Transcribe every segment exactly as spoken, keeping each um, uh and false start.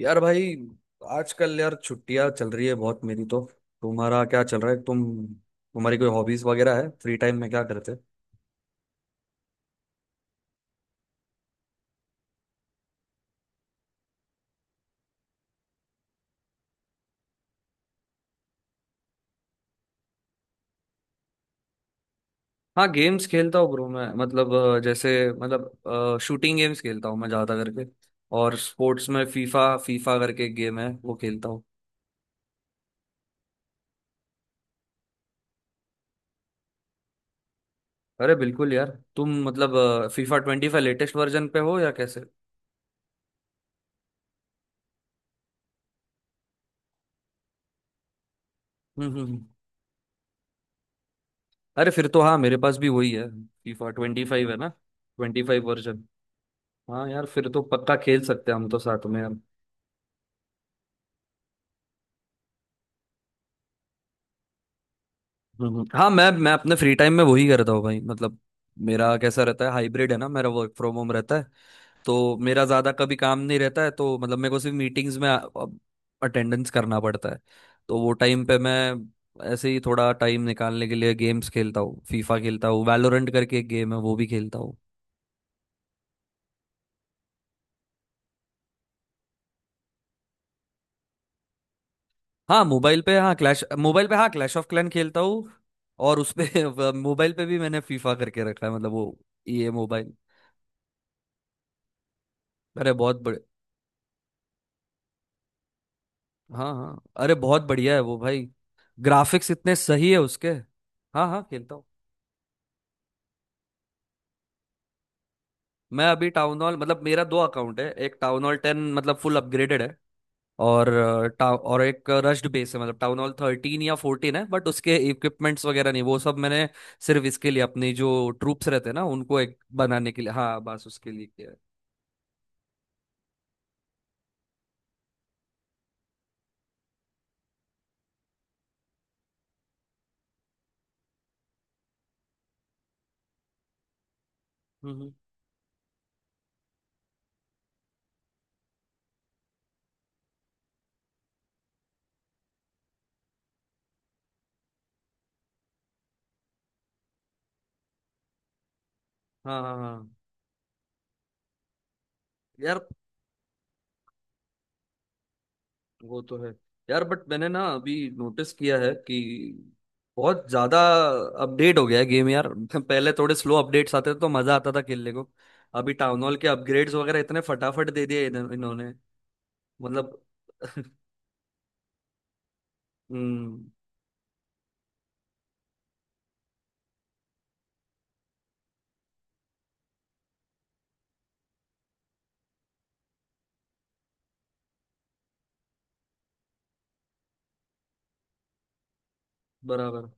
यार भाई, आजकल यार छुट्टियां चल रही है बहुत मेरी तो। तुम्हारा क्या चल रहा है? तुम तुम्हारी कोई हॉबीज वगैरह है? फ्री टाइम में क्या करते हो? हाँ, गेम्स खेलता हूँ ब्रो। मैं मतलब अ, जैसे मतलब शूटिंग गेम्स खेलता हूँ मैं ज़्यादा करके। और स्पोर्ट्स में फीफा, फीफा करके एक गेम है वो खेलता हूँ। अरे बिल्कुल यार। तुम मतलब FIFA twenty five latest version पे हो या कैसे? हम्म हम्म हम्म। अरे फिर तो हाँ, मेरे पास भी वही है। फीफा ट्वेंटी फाइव है ना, ट्वेंटी फाइव वर्जन। हाँ यार, फिर तो पक्का खेल सकते हैं हम तो साथ में यार। हम्म, हम्म। हाँ, मैं मैं अपने फ्री टाइम में वही करता हूँ भाई। मतलब मेरा कैसा रहता है, हाइब्रिड है ना, मेरा वर्क फ्रॉम होम रहता है। तो मेरा ज़्यादा कभी काम नहीं रहता है, तो मतलब मेरे को सिर्फ मीटिंग्स में अटेंडेंस करना पड़ता है। तो वो टाइम पे मैं ऐसे ही थोड़ा टाइम निकालने के लिए गेम्स खेलता हूँ, फीफा खेलता हूँ, वैलोरेंट करके एक गेम है वो भी खेलता हूँ। हाँ मोबाइल पे, हाँ क्लैश मोबाइल पे, हाँ क्लैश ऑफ क्लैन खेलता हूँ। और उसपे मोबाइल पे भी मैंने फीफा करके रखा है, मतलब वो ये मोबाइल। अरे बहुत। हाँ हाँ, अरे बहुत बढ़िया है वो भाई। ग्राफिक्स इतने सही है उसके। हाँ हाँ, खेलता हूँ। मैं अभी टाउन हॉल, मतलब मेरा दो अकाउंट है। एक टाउन हॉल टेन, मतलब फुल अपग्रेडेड है। और अ, टा, और एक रश्ड बेस है, मतलब टाउन हॉल थर्टीन या फोर्टीन है, बट उसके इक्विपमेंट्स वगैरह नहीं, वो सब मैंने सिर्फ इसके लिए, अपनी जो ट्रूप्स रहते हैं ना उनको एक बनाने के लिए, हाँ बस उसके लिए किया है। हम्म हम्म। हाँ हाँ हाँ। यार वो तो है, यार बट मैंने ना अभी नोटिस किया है कि बहुत ज्यादा अपडेट हो गया है गेम यार। पहले थोड़े स्लो अपडेट्स आते थे तो मजा आता था खेलने को। अभी टाउन हॉल के अपग्रेड्स वगैरह इतने फटाफट दे दिए इन्हों- इन्होंने। मतलब हम्म। बराबर।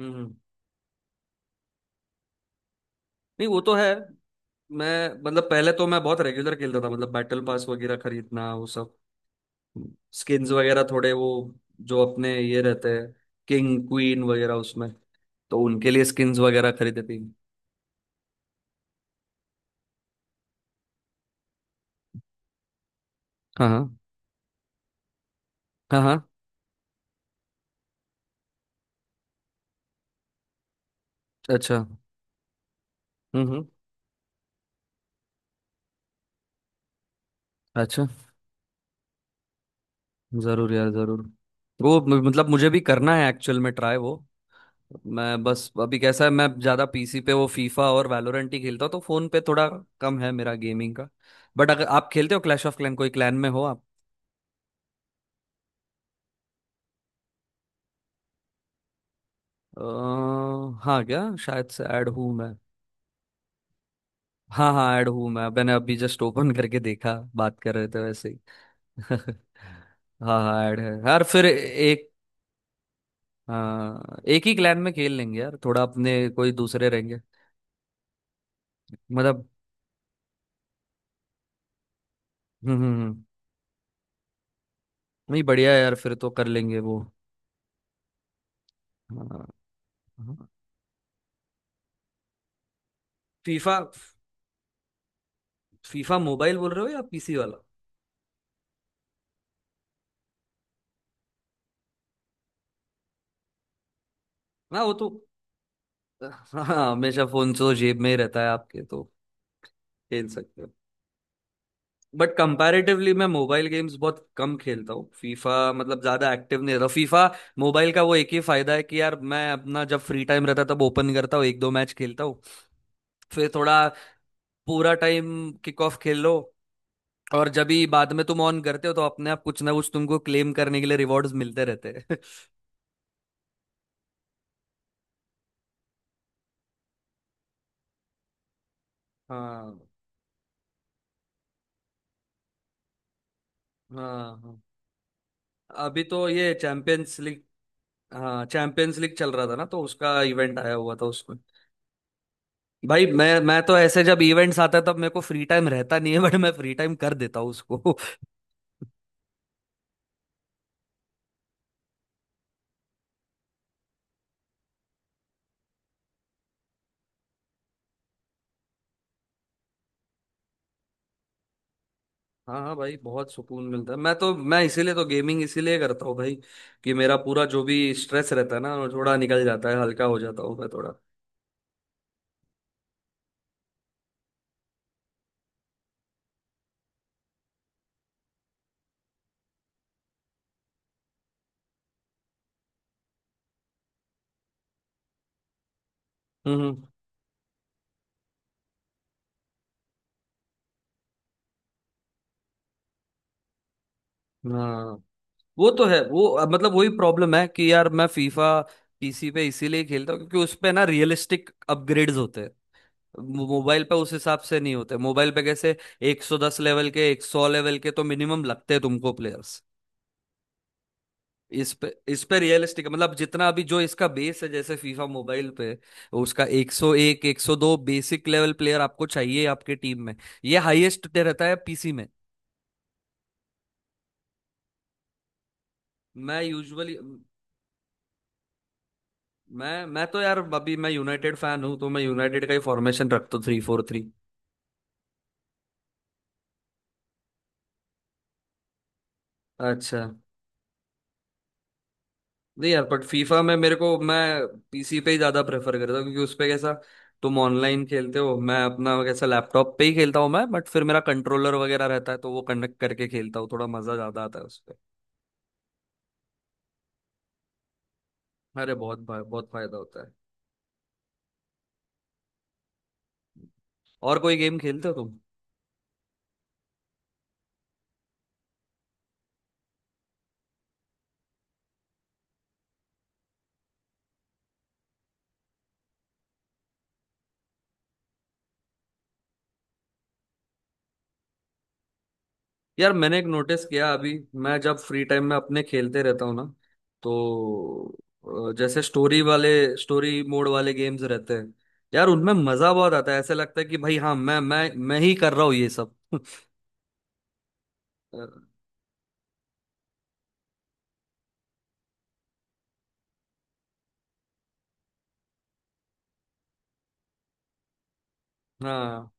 हम्म हम्म। नहीं वो तो है। मैं मतलब पहले तो मैं बहुत रेगुलर खेलता था, मतलब बैटल पास वगैरह खरीदना, वो सब स्किन्स वगैरह, थोड़े वो जो अपने ये रहते हैं, किंग क्वीन वगैरह उसमें, तो उनके लिए स्किन्स वगैरह खरीदती। हाँ हाँ। हाँ हाँ। अच्छा हम्म। हम्म। अच्छा, जरूर यार, जरूर। वो म- मतलब मुझे भी करना है एक्चुअल में ट्राई वो। मैं बस अभी कैसा है, मैं ज्यादा पीसी पे वो फीफा और वैलोरेंट ही खेलता हूँ, तो फोन पे थोड़ा कम है मेरा गेमिंग का। बट अगर आप खेलते हो क्लैश ऑफ क्लैन, कोई क्लैन में हो आप? अ, हाँ क्या, शायद से ऐड हूँ मैं। हाँ हाँ, ऐड हूँ मैं, मैंने अभी जस्ट ओपन करके देखा, बात कर रहे थे वैसे ही। हाँ हाँ, ऐड है यार, फिर एक, हाँ एक ही क्लैन में खेल लेंगे यार, थोड़ा अपने कोई दूसरे रहेंगे। मतलब हम्म हम्म हम्म। नहीं बढ़िया है यार, फिर तो कर लेंगे वो। हाँ हाँ। फीफा, फीफा मोबाइल बोल रहे हो या पीसी वाला? ना वो तो, हाँ हमेशा फोन तो जेब में ही रहता है आपके तो, खेल सकते हो। बट कंपैरेटिवली मैं मोबाइल गेम्स बहुत कम खेलता हूँ, फीफा मतलब ज्यादा एक्टिव नहीं रहता। फीफा मोबाइल का वो एक ही फायदा है कि यार मैं अपना जब फ्री टाइम रहता है, तब ओपन करता हूँ, एक दो मैच खेलता हूँ, फिर थोड़ा पूरा टाइम किक ऑफ खेल लो, और जब भी बाद में तुम ऑन करते हो तो अपने आप कुछ ना कुछ तुमको क्लेम करने के लिए रिवॉर्ड्स मिलते रहते हैं। हाँ हाँ। हाँ। अभी तो ये चैंपियंस लीग, हाँ चैंपियंस लीग चल रहा था ना, तो उसका इवेंट आया हुआ था उसमें। भाई मैं मैं तो ऐसे जब इवेंट्स आता है तब मेरे को फ्री टाइम रहता नहीं है, बट मैं फ्री टाइम कर देता हूँ उसको। हाँ हाँ भाई, बहुत सुकून मिलता है। मैं तो मैं इसीलिए तो गेमिंग इसीलिए करता हूँ भाई, कि मेरा पूरा जो भी स्ट्रेस रहता है ना वो थोड़ा निकल जाता है, हल्का हो जाता हूँ मैं थोड़ा। हम्म। हाँ वो तो है। वो अब मतलब वही प्रॉब्लम है कि यार मैं फीफा पीसी पे इसीलिए खेलता हूँ, क्योंकि उस पे ना रियलिस्टिक अपग्रेड्स होते हैं। मो- मोबाइल पे उस हिसाब से नहीं होते। मोबाइल पे कैसे एक सौ दस लेवल के, सौ लेवल के तो मिनिमम लगते हैं तुमको प्लेयर्स। इस पे, इस पे रियलिस्टिक, मतलब जितना अभी जो इसका बेस है जैसे फीफा मोबाइल पे, उसका एक सौ एक एक सौ दो बेसिक लेवल प्लेयर आपको चाहिए आपके टीम में। ये हाईएस्ट रहता है पीसी में। मैं यूजुअली, मैं मैं तो यार अभी मैं यूनाइटेड फैन हूँ तो मैं यूनाइटेड का ही फॉर्मेशन रखता हूँ, थ्री फोर थ्री। अच्छा। नहीं यार, बट फीफा में मेरे को, मैं पीसी पे ही ज्यादा प्रेफर करता हूँ, क्योंकि उस पे कैसा, तुम ऑनलाइन खेलते हो। मैं अपना कैसा लैपटॉप पे ही खेलता हूँ मैं, बट फिर मेरा कंट्रोलर वगैरह रहता है, तो वो कनेक्ट करके खेलता हूँ, थोड़ा मजा ज्यादा आता है उस पे। अरे बहुत बहुत फायदा होता है। और कोई गेम खेलते हो? यार मैंने एक नोटिस किया अभी, मैं जब फ्री टाइम में अपने खेलते रहता हूँ ना, तो अ, जैसे स्टोरी वाले, स्टोरी मोड वाले गेम्स रहते हैं, यार उनमें मजा बहुत आता है। ऐसे लगता है कि भाई हाँ, मैं मैं मैं ही कर रहा हूँ ये सब। अ, हाँ।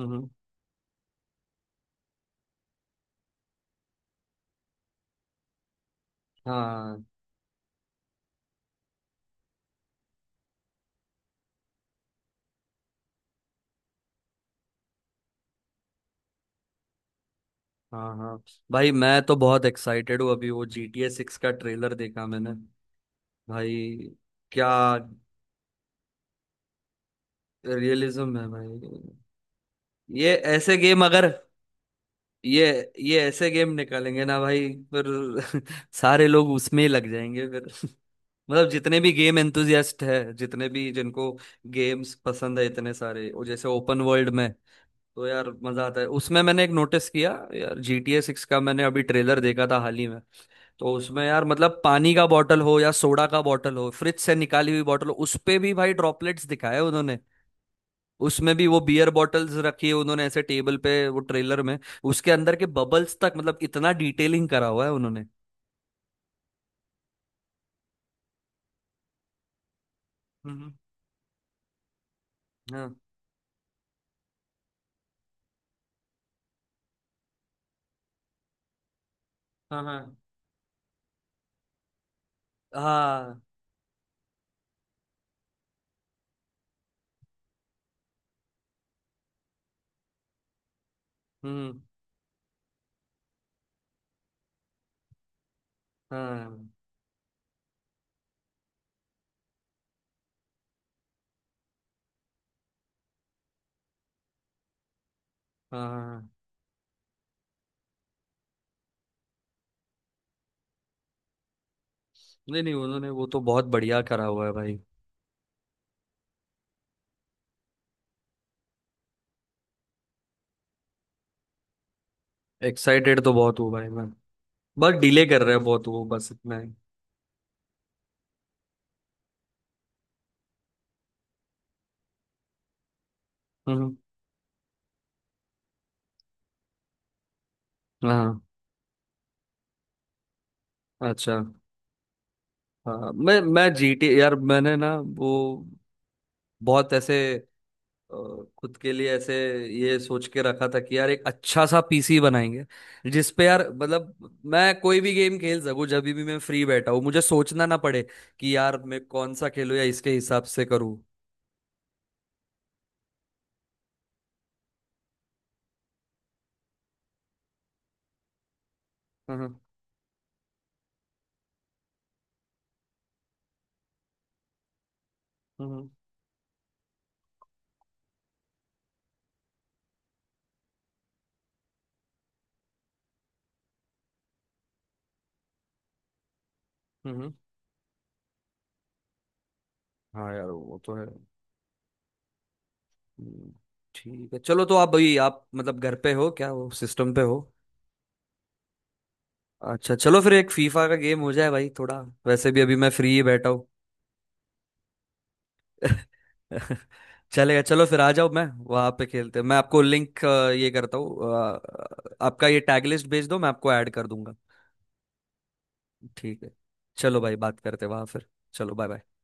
हम्म, हाँ। हाँ हाँ भाई मैं तो बहुत एक्साइटेड हूँ, अभी वो जी टी ए सिक्स का ट्रेलर देखा मैंने भाई, क्या रियलिज्म है भाई! ये ऐसे गेम अगर, ये ये ऐसे गेम निकालेंगे ना भाई फिर सारे लोग उसमें ही लग जाएंगे फिर। मतलब जितने भी गेम एंथुजियास्ट है, जितने भी जिनको गेम्स पसंद है, इतने सारे वो जैसे ओपन वर्ल्ड में, तो यार मजा आता है उसमें। मैंने एक नोटिस किया यार, जी टी ए सिक्स का मैंने अभी ट्रेलर देखा था हाल ही में, तो उसमें यार मतलब पानी का बॉटल हो या सोडा का बॉटल हो, फ्रिज से निकाली हुई बॉटल हो, उस पे भी भाई ड्रॉपलेट्स दिखाए उन्होंने। उसमें भी वो बियर बॉटल्स रखी है उन्होंने ऐसे टेबल पे, वो ट्रेलर में उसके अंदर के बबल्स तक, मतलब इतना डिटेलिंग करा हुआ है उन्होंने। हम्म। हाँ हाँ। हाँ हाँ। हम्म। हाँ हाँ। नहीं नहीं, उन्होंने वो तो बहुत बढ़िया करा हुआ है भाई। एक्साइटेड तो बहुत हूँ भाई मैं, बस डिले कर रहे हैं बहुत वो, बस इतना ही। हम्म। हाँ। अच्छा। हाँ, मैं मैं जीटी, यार मैंने ना वो बहुत ऐसे, और खुद के लिए ऐसे ये सोच के रखा था कि यार एक अच्छा सा पीसी बनाएंगे, जिस पे यार मतलब मैं कोई भी गेम खेल सकूं, जब भी मैं फ्री बैठा हूं मुझे सोचना ना पड़े कि यार मैं कौन सा खेलूं या इसके हिसाब से करूं। हम्म हम्म हम्म। हाँ यार वो तो है। हम्म। ठीक है, चलो तो आप भाई, आप मतलब घर पे हो क्या, वो सिस्टम पे हो? अच्छा चलो, फिर एक फीफा का गेम हो जाए भाई थोड़ा, वैसे भी अभी मैं फ्री ही बैठा हूँ। चलेगा, चलो फिर आ जाओ, मैं वहां पे खेलते हैं। मैं आपको लिंक ये करता हूँ। अ, आपका ये टैग लिस्ट भेज दो, मैं आपको ऐड कर दूंगा। ठीक है, चलो भाई, बात करते हैं वहां फिर। चलो, बाय बाय।